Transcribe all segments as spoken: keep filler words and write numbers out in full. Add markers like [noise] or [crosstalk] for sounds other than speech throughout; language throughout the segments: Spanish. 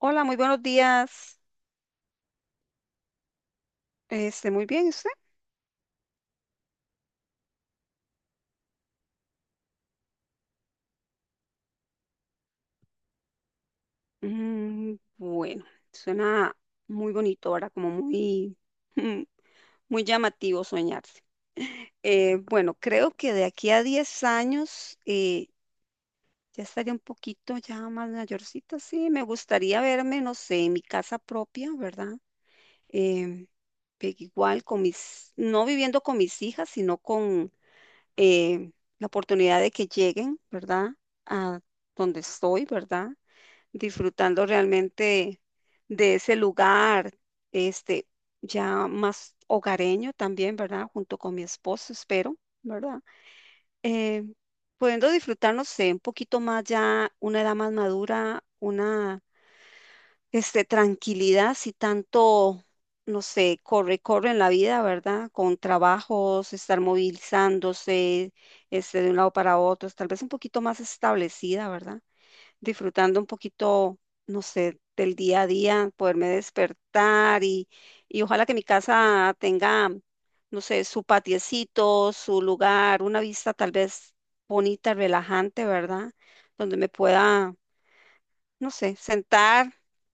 Hola, muy buenos días. Este, muy bien, ¿y usted? Mm, bueno, suena muy bonito, ahora como muy, [laughs] mm, muy llamativo soñarse. Eh, bueno, creo que de aquí a diez años eh, ya estaría un poquito ya más mayorcita, sí. Me gustaría verme, no sé, en mi casa propia, ¿verdad? Em, pe- igual con mis, no viviendo con mis hijas, sino con em, la oportunidad de que lleguen, ¿verdad? A donde estoy, ¿verdad? Disfrutando realmente de ese lugar, este, ya más hogareño también, ¿verdad? Junto con mi esposo, espero, ¿verdad? Eh, Pudiendo disfrutar, no sé, un poquito más ya, una edad más madura, una, este, tranquilidad, si tanto, no sé, corre, corre en la vida, ¿verdad? Con trabajos, estar movilizándose, este, de un lado para otro, tal vez un poquito más establecida, ¿verdad? Disfrutando un poquito, no sé, del día a día, poderme despertar y, y ojalá que mi casa tenga, no sé, su patiecito, su lugar, una vista tal vez bonita, relajante, ¿verdad? Donde me pueda no sé, sentar,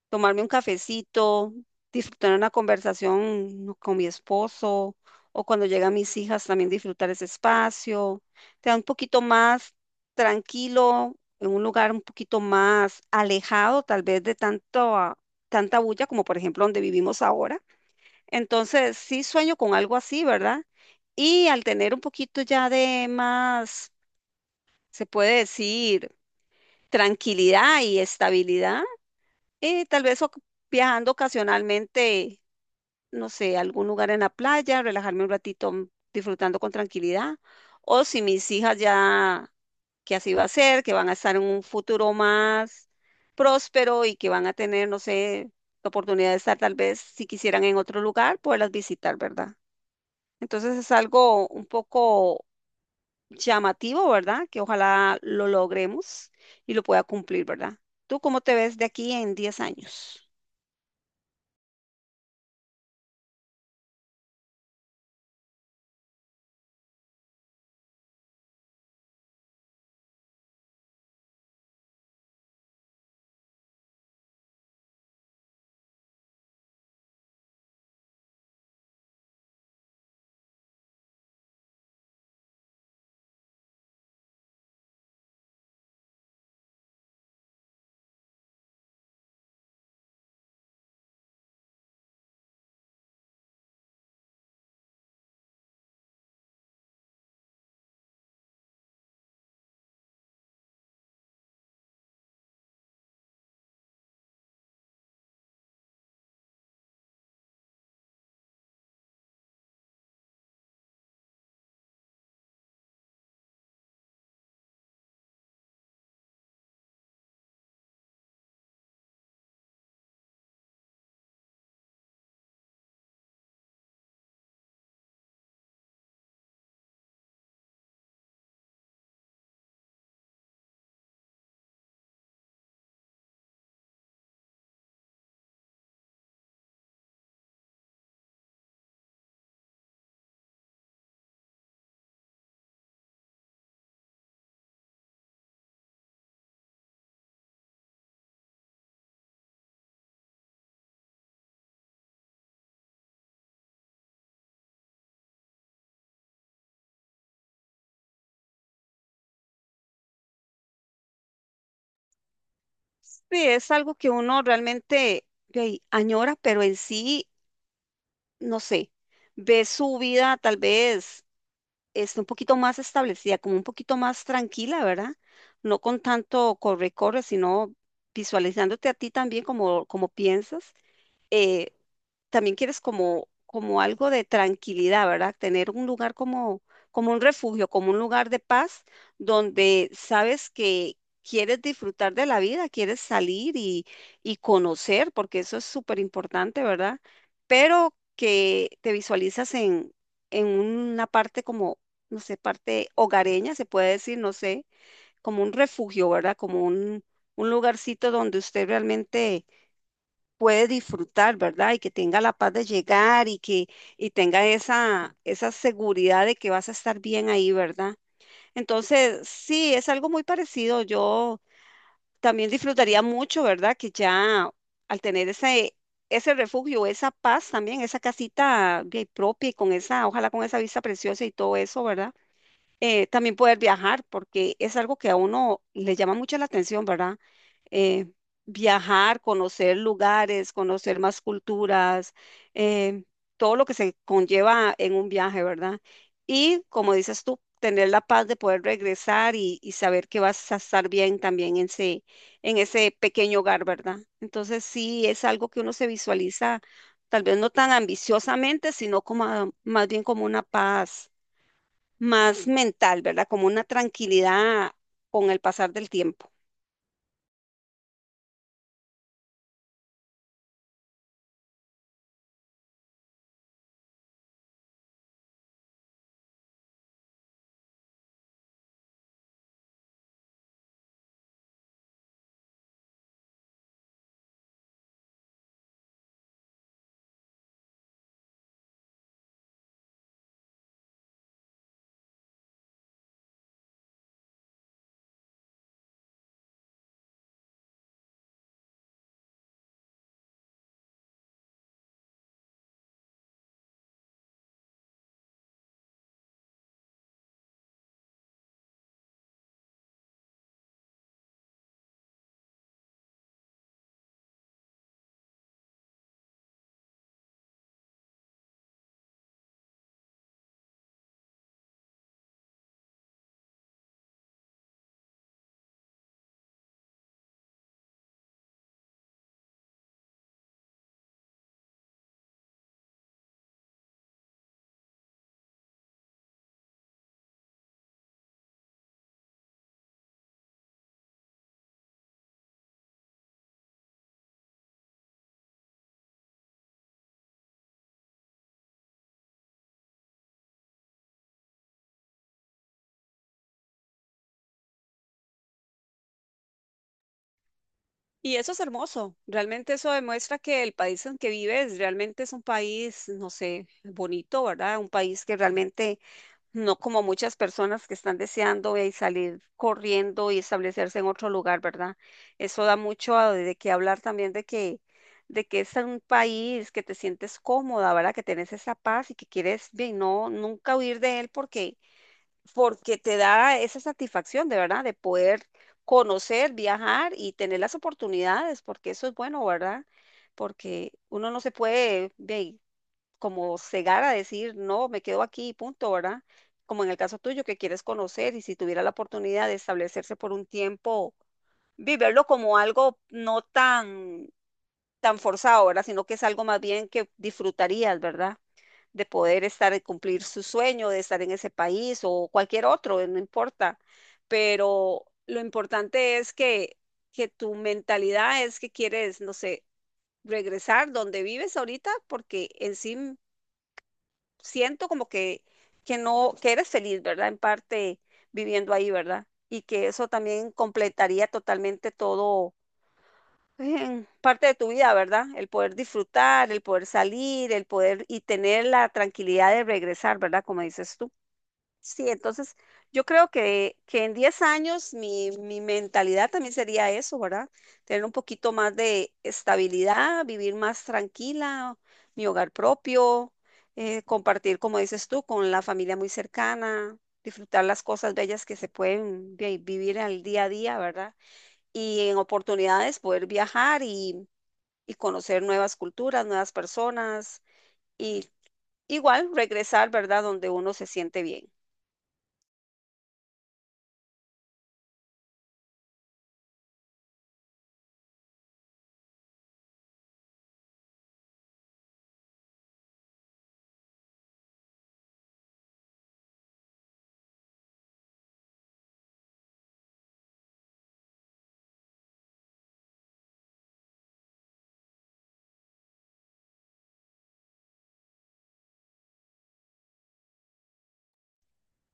tomarme un cafecito, disfrutar una conversación no, con mi esposo o cuando llegan mis hijas también disfrutar ese espacio. Te da un poquito más tranquilo, en un lugar un poquito más alejado tal vez de tanto, ah, tanta bulla como por ejemplo donde vivimos ahora. Entonces sí sueño con algo así, ¿verdad? Y al tener un poquito ya de más, se puede decir, tranquilidad y estabilidad y tal vez oc- viajando ocasionalmente, no sé, a algún lugar en la playa, relajarme un ratito mm, disfrutando con tranquilidad. O si mis hijas ya, que así va a ser, que van a estar en un futuro más próspero y que van a tener, no sé, la oportunidad de estar tal vez, si quisieran, en otro lugar, poderlas visitar, ¿verdad? Entonces es algo un poco llamativo, ¿verdad? Que ojalá lo logremos y lo pueda cumplir, ¿verdad? ¿Tú cómo te ves de aquí en diez años? Sí, es algo que uno realmente de ahí, añora, pero en sí, no sé, ve su vida tal vez este, un poquito más establecida, como un poquito más tranquila, ¿verdad? No con tanto corre-corre, sino visualizándote a ti también como, como piensas eh, también quieres como, como algo de tranquilidad, ¿verdad? Tener un lugar como, como un refugio, como un lugar de paz, donde sabes que quieres disfrutar de la vida, quieres salir y, y conocer, porque eso es súper importante, ¿verdad? Pero que te visualizas en, en una parte como, no sé, parte hogareña, se puede decir, no sé, como un refugio, ¿verdad? Como un, un lugarcito donde usted realmente puede disfrutar, ¿verdad? Y que tenga la paz de llegar y que y tenga esa, esa seguridad de que vas a estar bien ahí, ¿verdad? Entonces, sí, es algo muy parecido. Yo también disfrutaría mucho, ¿verdad? Que ya al tener ese, ese refugio, esa paz también, esa casita bien propia y con esa, ojalá con esa vista preciosa y todo eso, ¿verdad? eh, también poder viajar, porque es algo que a uno le llama mucho la atención, ¿verdad? Eh, Viajar, conocer lugares, conocer más culturas, eh, todo lo que se conlleva en un viaje, ¿verdad? Y como dices tú, tener la paz de poder regresar y, y saber que vas a estar bien también en ese, en ese, pequeño hogar, ¿verdad? Entonces sí, es algo que uno se visualiza, tal vez no tan ambiciosamente, sino como a- más bien como una paz más mental, ¿verdad? Como una tranquilidad con el pasar del tiempo. Y eso es hermoso, realmente eso demuestra que el país en que vives realmente es un país, no sé, bonito, ¿verdad? Un país que realmente no como muchas personas que están deseando eh, salir corriendo y establecerse en otro lugar, ¿verdad? Eso da mucho a- de qué hablar también de que, de que, es un país que te sientes cómoda, ¿verdad? Que tenés esa paz y que quieres bien, no, nunca huir de él porque porque te da esa satisfacción de verdad de poder conocer, viajar y tener las oportunidades, porque eso es bueno, ¿verdad? Porque uno no se puede ve, como cegar a decir, no, me quedo aquí, y punto, ¿verdad? Como en el caso tuyo, que quieres conocer y si tuviera la oportunidad de establecerse por un tiempo, viverlo como algo no tan, tan forzado, ¿verdad? Sino que es algo más bien que disfrutarías, ¿verdad? De poder estar, y cumplir su sueño, de estar en ese país o cualquier otro, no importa. Pero lo importante es que, que, tu mentalidad es que quieres, no sé, regresar donde vives ahorita, porque en sí siento como que, que no, que eres feliz, ¿verdad? En parte viviendo ahí, ¿verdad? Y que eso también completaría totalmente todo es en parte de tu vida, ¿verdad? El poder disfrutar, el poder salir, el poder y tener la tranquilidad de regresar, ¿verdad? Como dices tú. Sí, entonces yo creo que, que en diez años mi, mi mentalidad también sería eso, ¿verdad? Tener un poquito más de estabilidad, vivir más tranquila, mi hogar propio, eh, compartir, como dices tú, con la familia muy cercana, disfrutar las cosas bellas que se pueden vi- vivir al día a día, ¿verdad? Y en oportunidades poder viajar y, y conocer nuevas culturas, nuevas personas y igual regresar, ¿verdad? Donde uno se siente bien.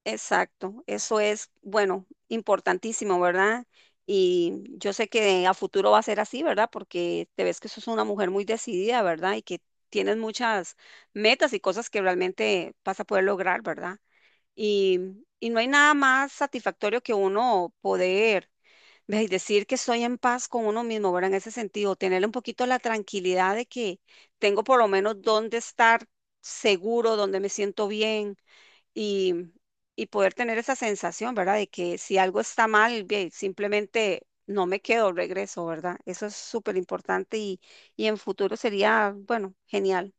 Exacto, eso es, bueno, importantísimo, ¿verdad? Y yo sé que a futuro va a ser así, ¿verdad? Porque te ves que sos una mujer muy decidida, ¿verdad? Y que tienes muchas metas y cosas que realmente vas a poder lograr, ¿verdad? Y, y no hay nada más satisfactorio que uno poder Ve, y decir que estoy en paz con uno mismo, ¿verdad? En ese sentido, tener un poquito la tranquilidad de que tengo por lo menos dónde estar seguro, donde me siento bien y, y poder tener esa sensación, ¿verdad? De que si algo está mal, ve, simplemente no me quedo, regreso, ¿verdad? Eso es súper importante y, y en futuro sería, bueno, genial.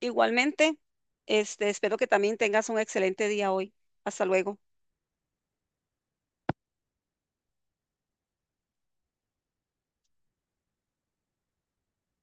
Igualmente, este, espero que también tengas un excelente día hoy. Hasta luego.